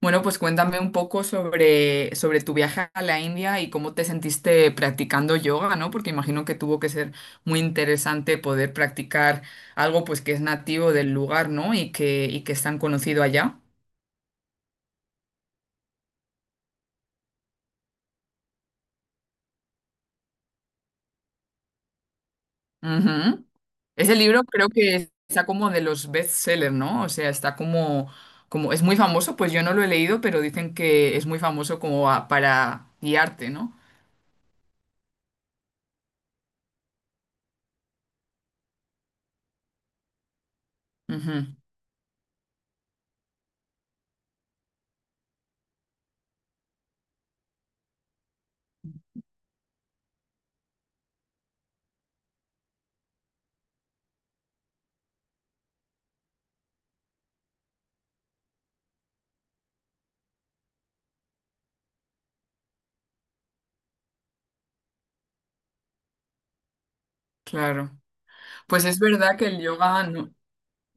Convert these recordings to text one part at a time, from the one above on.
Bueno, pues cuéntame un poco sobre tu viaje a la India y cómo te sentiste practicando yoga, ¿no? Porque imagino que tuvo que ser muy interesante poder practicar algo pues que es nativo del lugar, ¿no? Y que es tan conocido allá. Ujú. Ese libro creo que está como de los bestsellers, ¿no? O sea, está como es muy famoso, pues yo no lo he leído, pero dicen que es muy famoso como para guiarte, ¿no? Ujú. Claro. Pues es verdad que el yoga no-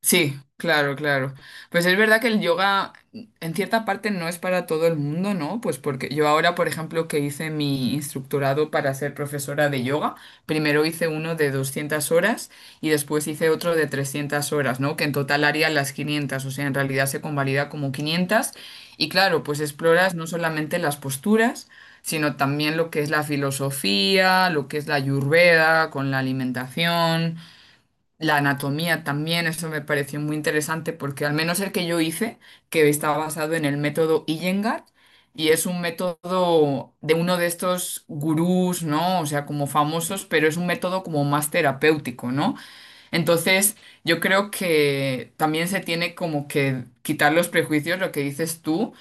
Sí, claro, claro. Pues es verdad que el yoga en cierta parte no es para todo el mundo, ¿no? Pues porque yo ahora, por ejemplo, que hice mi instructorado para ser profesora de yoga, primero hice uno de 200 horas y después hice otro de 300 horas, ¿no? Que en total haría las 500, o sea, en realidad se convalida como 500. Y claro, pues exploras no solamente las posturas, sino también lo que es la filosofía, lo que es la ayurveda con la alimentación, la anatomía también. Eso me pareció muy interesante porque al menos el que yo hice, que estaba basado en el método Iyengar, y es un método de uno de estos gurús, ¿no? O sea, como famosos, pero es un método como más terapéutico, ¿no? Entonces, yo creo que también se tiene como que quitar los prejuicios, lo que dices tú,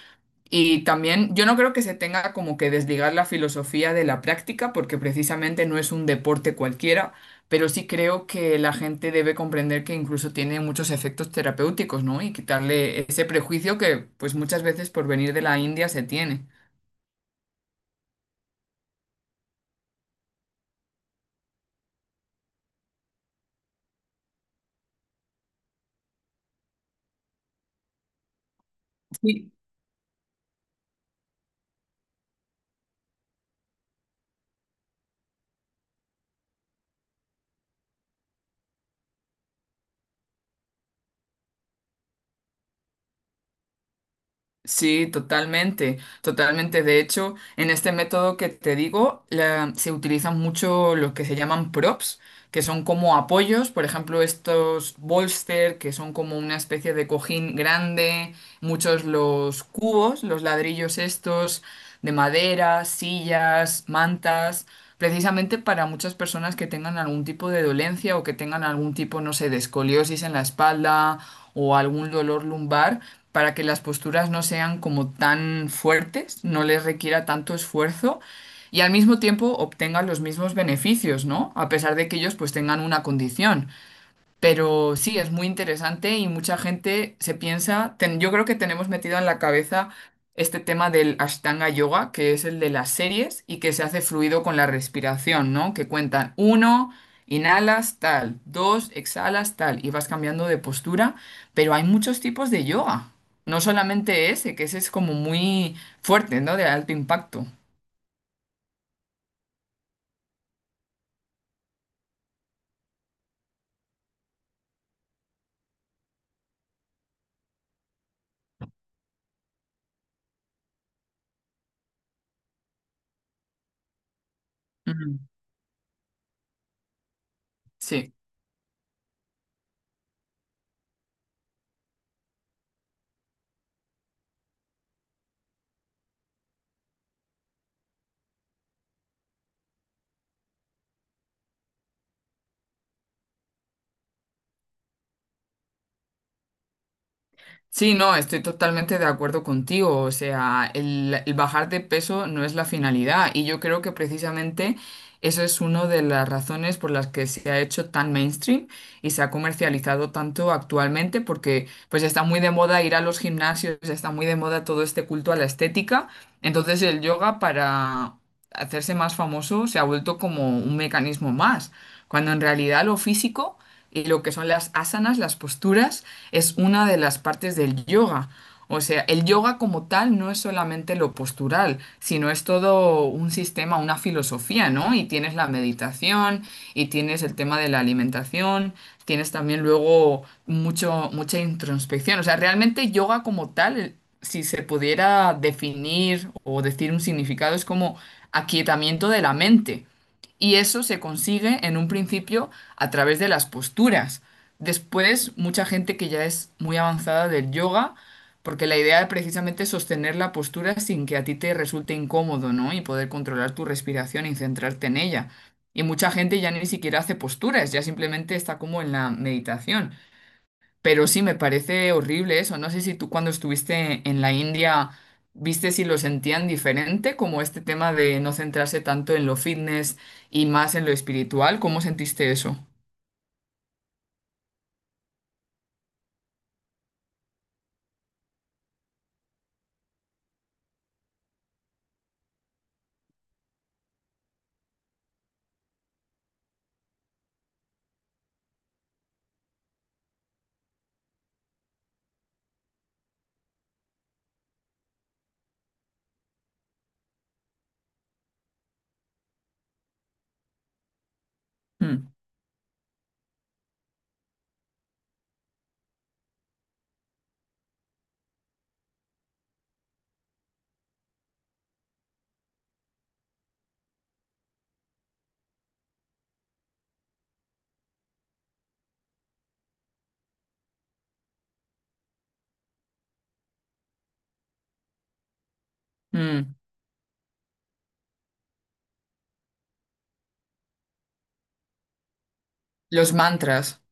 y también yo no creo que se tenga como que desligar la filosofía de la práctica, porque precisamente no es un deporte cualquiera, pero sí creo que la gente debe comprender que incluso tiene muchos efectos terapéuticos, ¿no? Y quitarle ese prejuicio que pues muchas veces por venir de la India se tiene. Sí. Sí, totalmente, totalmente. De hecho, en este método que te digo, se utilizan mucho los que se llaman props, que son como apoyos, por ejemplo, estos bolster, que son como una especie de cojín grande, muchos los cubos, los ladrillos estos de madera, sillas, mantas, precisamente para muchas personas que tengan algún tipo de dolencia o que tengan algún tipo, no sé, de escoliosis en la espalda o algún dolor lumbar, para que las posturas no sean como tan fuertes, no les requiera tanto esfuerzo y al mismo tiempo obtengan los mismos beneficios, ¿no? A pesar de que ellos pues tengan una condición. Pero sí, es muy interesante y mucha gente se piensa, yo creo que tenemos metido en la cabeza este tema del Ashtanga Yoga, que es el de las series y que se hace fluido con la respiración, ¿no? Que cuentan uno, inhalas tal, dos, exhalas tal y vas cambiando de postura, pero hay muchos tipos de yoga, no solamente ese, que ese es como muy fuerte, ¿no? De alto impacto. Ujú. Sí. Sí, no, estoy totalmente de acuerdo contigo. O sea, el bajar de peso no es la finalidad y yo creo que precisamente eso es una de las razones por las que se ha hecho tan mainstream y se ha comercializado tanto actualmente porque pues está muy de moda ir a los gimnasios, está muy de moda todo este culto a la estética. Entonces el yoga para hacerse más famoso se ha vuelto como un mecanismo más, cuando en realidad lo físico y lo que son las asanas, las posturas, es una de las partes del yoga. O sea, el yoga como tal no es solamente lo postural, sino es todo un sistema, una filosofía, ¿no? Y tienes la meditación, y tienes el tema de la alimentación, tienes también luego mucho, mucha introspección. O sea, realmente yoga como tal, si se pudiera definir o decir un significado, es como aquietamiento de la mente. Y eso se consigue en un principio a través de las posturas. Después, mucha gente que ya es muy avanzada del yoga, porque la idea es precisamente sostener la postura sin que a ti te resulte incómodo, ¿no? Y poder controlar tu respiración y centrarte en ella. Y mucha gente ya ni siquiera hace posturas, ya simplemente está como en la meditación. Pero sí me parece horrible eso. No sé si tú cuando estuviste en la India viste si lo sentían diferente, como este tema de no centrarse tanto en lo fitness y más en lo espiritual. ¿Cómo sentiste eso? Mm, mm. Los mantras,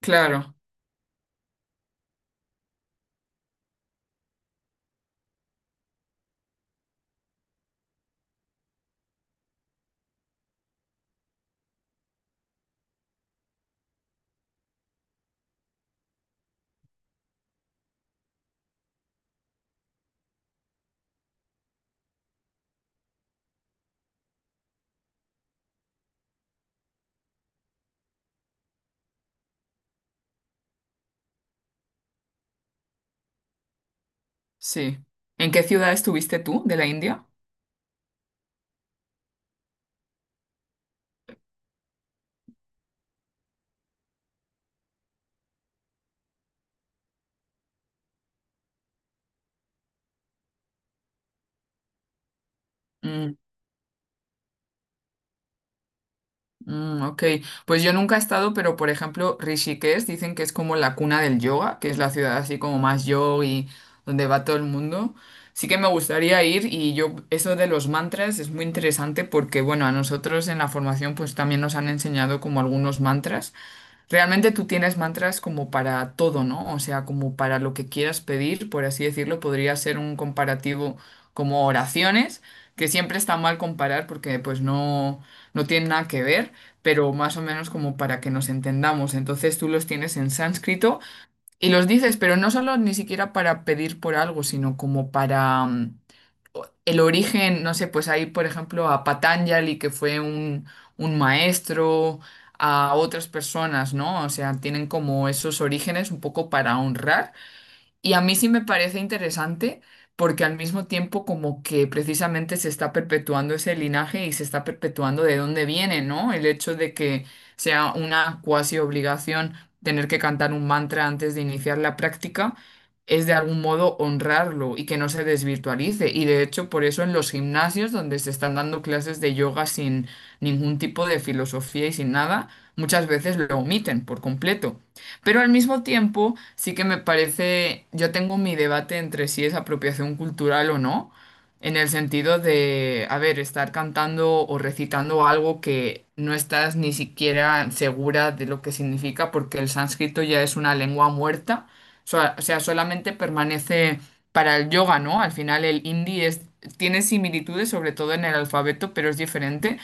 claro, sí. ¿En qué ciudad estuviste tú de la India? Mm. Mm, ok, pues yo nunca he estado, pero por ejemplo, Rishikesh dicen que es como la cuna del yoga, que es la ciudad así como más yogi, donde va todo el mundo. Sí que me gustaría ir y yo, eso de los mantras es muy interesante porque, bueno, a nosotros en la formación pues también nos han enseñado como algunos mantras. Realmente tú tienes mantras como para todo, ¿no? O sea, como para lo que quieras pedir, por así decirlo, podría ser un comparativo como oraciones, que siempre está mal comparar porque pues no, no tienen nada que ver, pero más o menos como para que nos entendamos. Entonces tú los tienes en sánscrito y los dices, pero no solo ni siquiera para pedir por algo, sino como para... el origen, no sé, pues hay, por ejemplo, a Patanjali, que fue un maestro, a otras personas, ¿no? O sea, tienen como esos orígenes un poco para honrar. Y a mí sí me parece interesante porque al mismo tiempo como que precisamente se está perpetuando ese linaje y se está perpetuando de dónde viene, ¿no? El hecho de que sea una cuasi obligación tener que cantar un mantra antes de iniciar la práctica es de algún modo honrarlo y que no se desvirtualice. Y de hecho por eso en los gimnasios donde se están dando clases de yoga sin ningún tipo de filosofía y sin nada, muchas veces lo omiten por completo. Pero al mismo tiempo, sí que me parece, yo tengo mi debate entre si es apropiación cultural o no, en el sentido de, a ver, estar cantando o recitando algo que no estás ni siquiera segura de lo que significa, porque el sánscrito ya es una lengua muerta, o sea, solamente permanece para el yoga, ¿no? Al final el hindi es, tiene similitudes, sobre todo en el alfabeto, pero es diferente.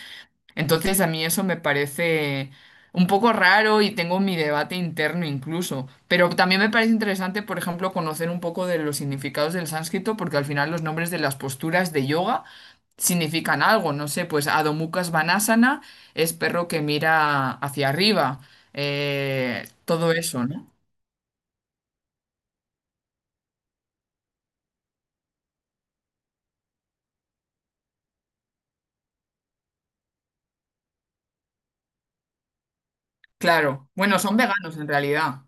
Entonces a mí eso me parece un poco raro y tengo mi debate interno incluso, pero también me parece interesante, por ejemplo, conocer un poco de los significados del sánscrito, porque al final los nombres de las posturas de yoga significan algo, no sé, pues Adho Mukha Svanasana es perro que mira hacia arriba, todo eso, ¿no? Claro, bueno, son veganos en realidad,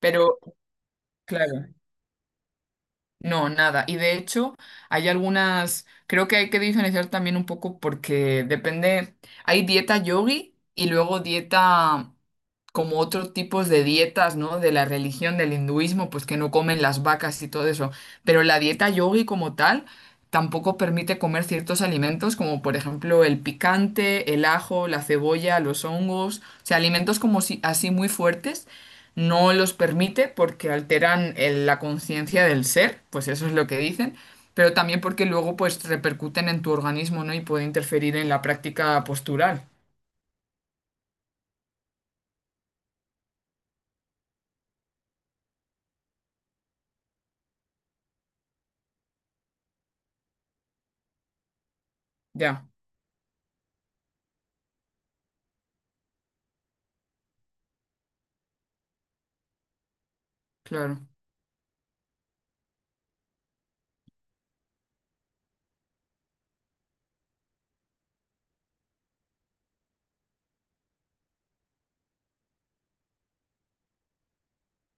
pero claro. No, nada. Y de hecho, hay algunas, creo que hay que diferenciar también un poco porque depende, hay dieta yogui y luego dieta como otros tipos de dietas, ¿no? De la religión, del hinduismo, pues que no comen las vacas y todo eso. Pero la dieta yogui como tal tampoco permite comer ciertos alimentos como por ejemplo el picante, el ajo, la cebolla, los hongos, o sea, alimentos como si, así muy fuertes no los permite porque alteran la conciencia del ser, pues eso es lo que dicen, pero también porque luego pues repercuten en tu organismo, ¿no? Y puede interferir en la práctica postural. Ya, claro.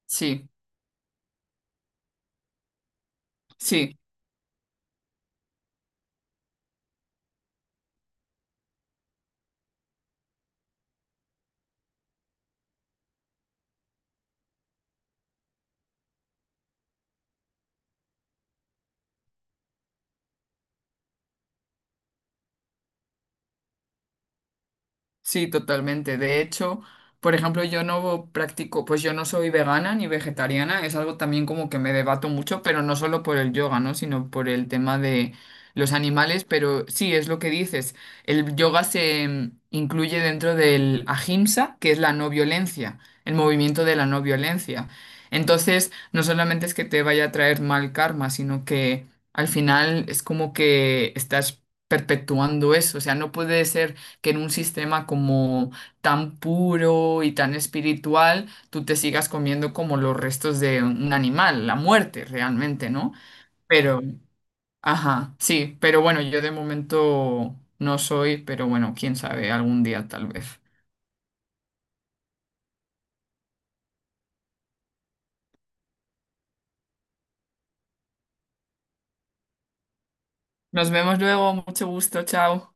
Sí, sí. Sí, totalmente. De hecho, por ejemplo, yo no practico, pues yo no soy vegana ni vegetariana, es algo también como que me debato mucho, pero no solo por el yoga, ¿no? Sino por el tema de los animales, pero sí, es lo que dices. El yoga se incluye dentro del ahimsa, que es la no violencia, el movimiento de la no violencia. Entonces, no solamente es que te vaya a traer mal karma, sino que al final es como que estás perpetuando eso, o sea, no puede ser que en un sistema como tan puro y tan espiritual, tú te sigas comiendo como los restos de un animal, la muerte realmente, ¿no? Pero, ajá, sí, pero bueno, yo de momento no soy, pero bueno, quién sabe, algún día tal vez. Nos vemos luego, mucho gusto, chao.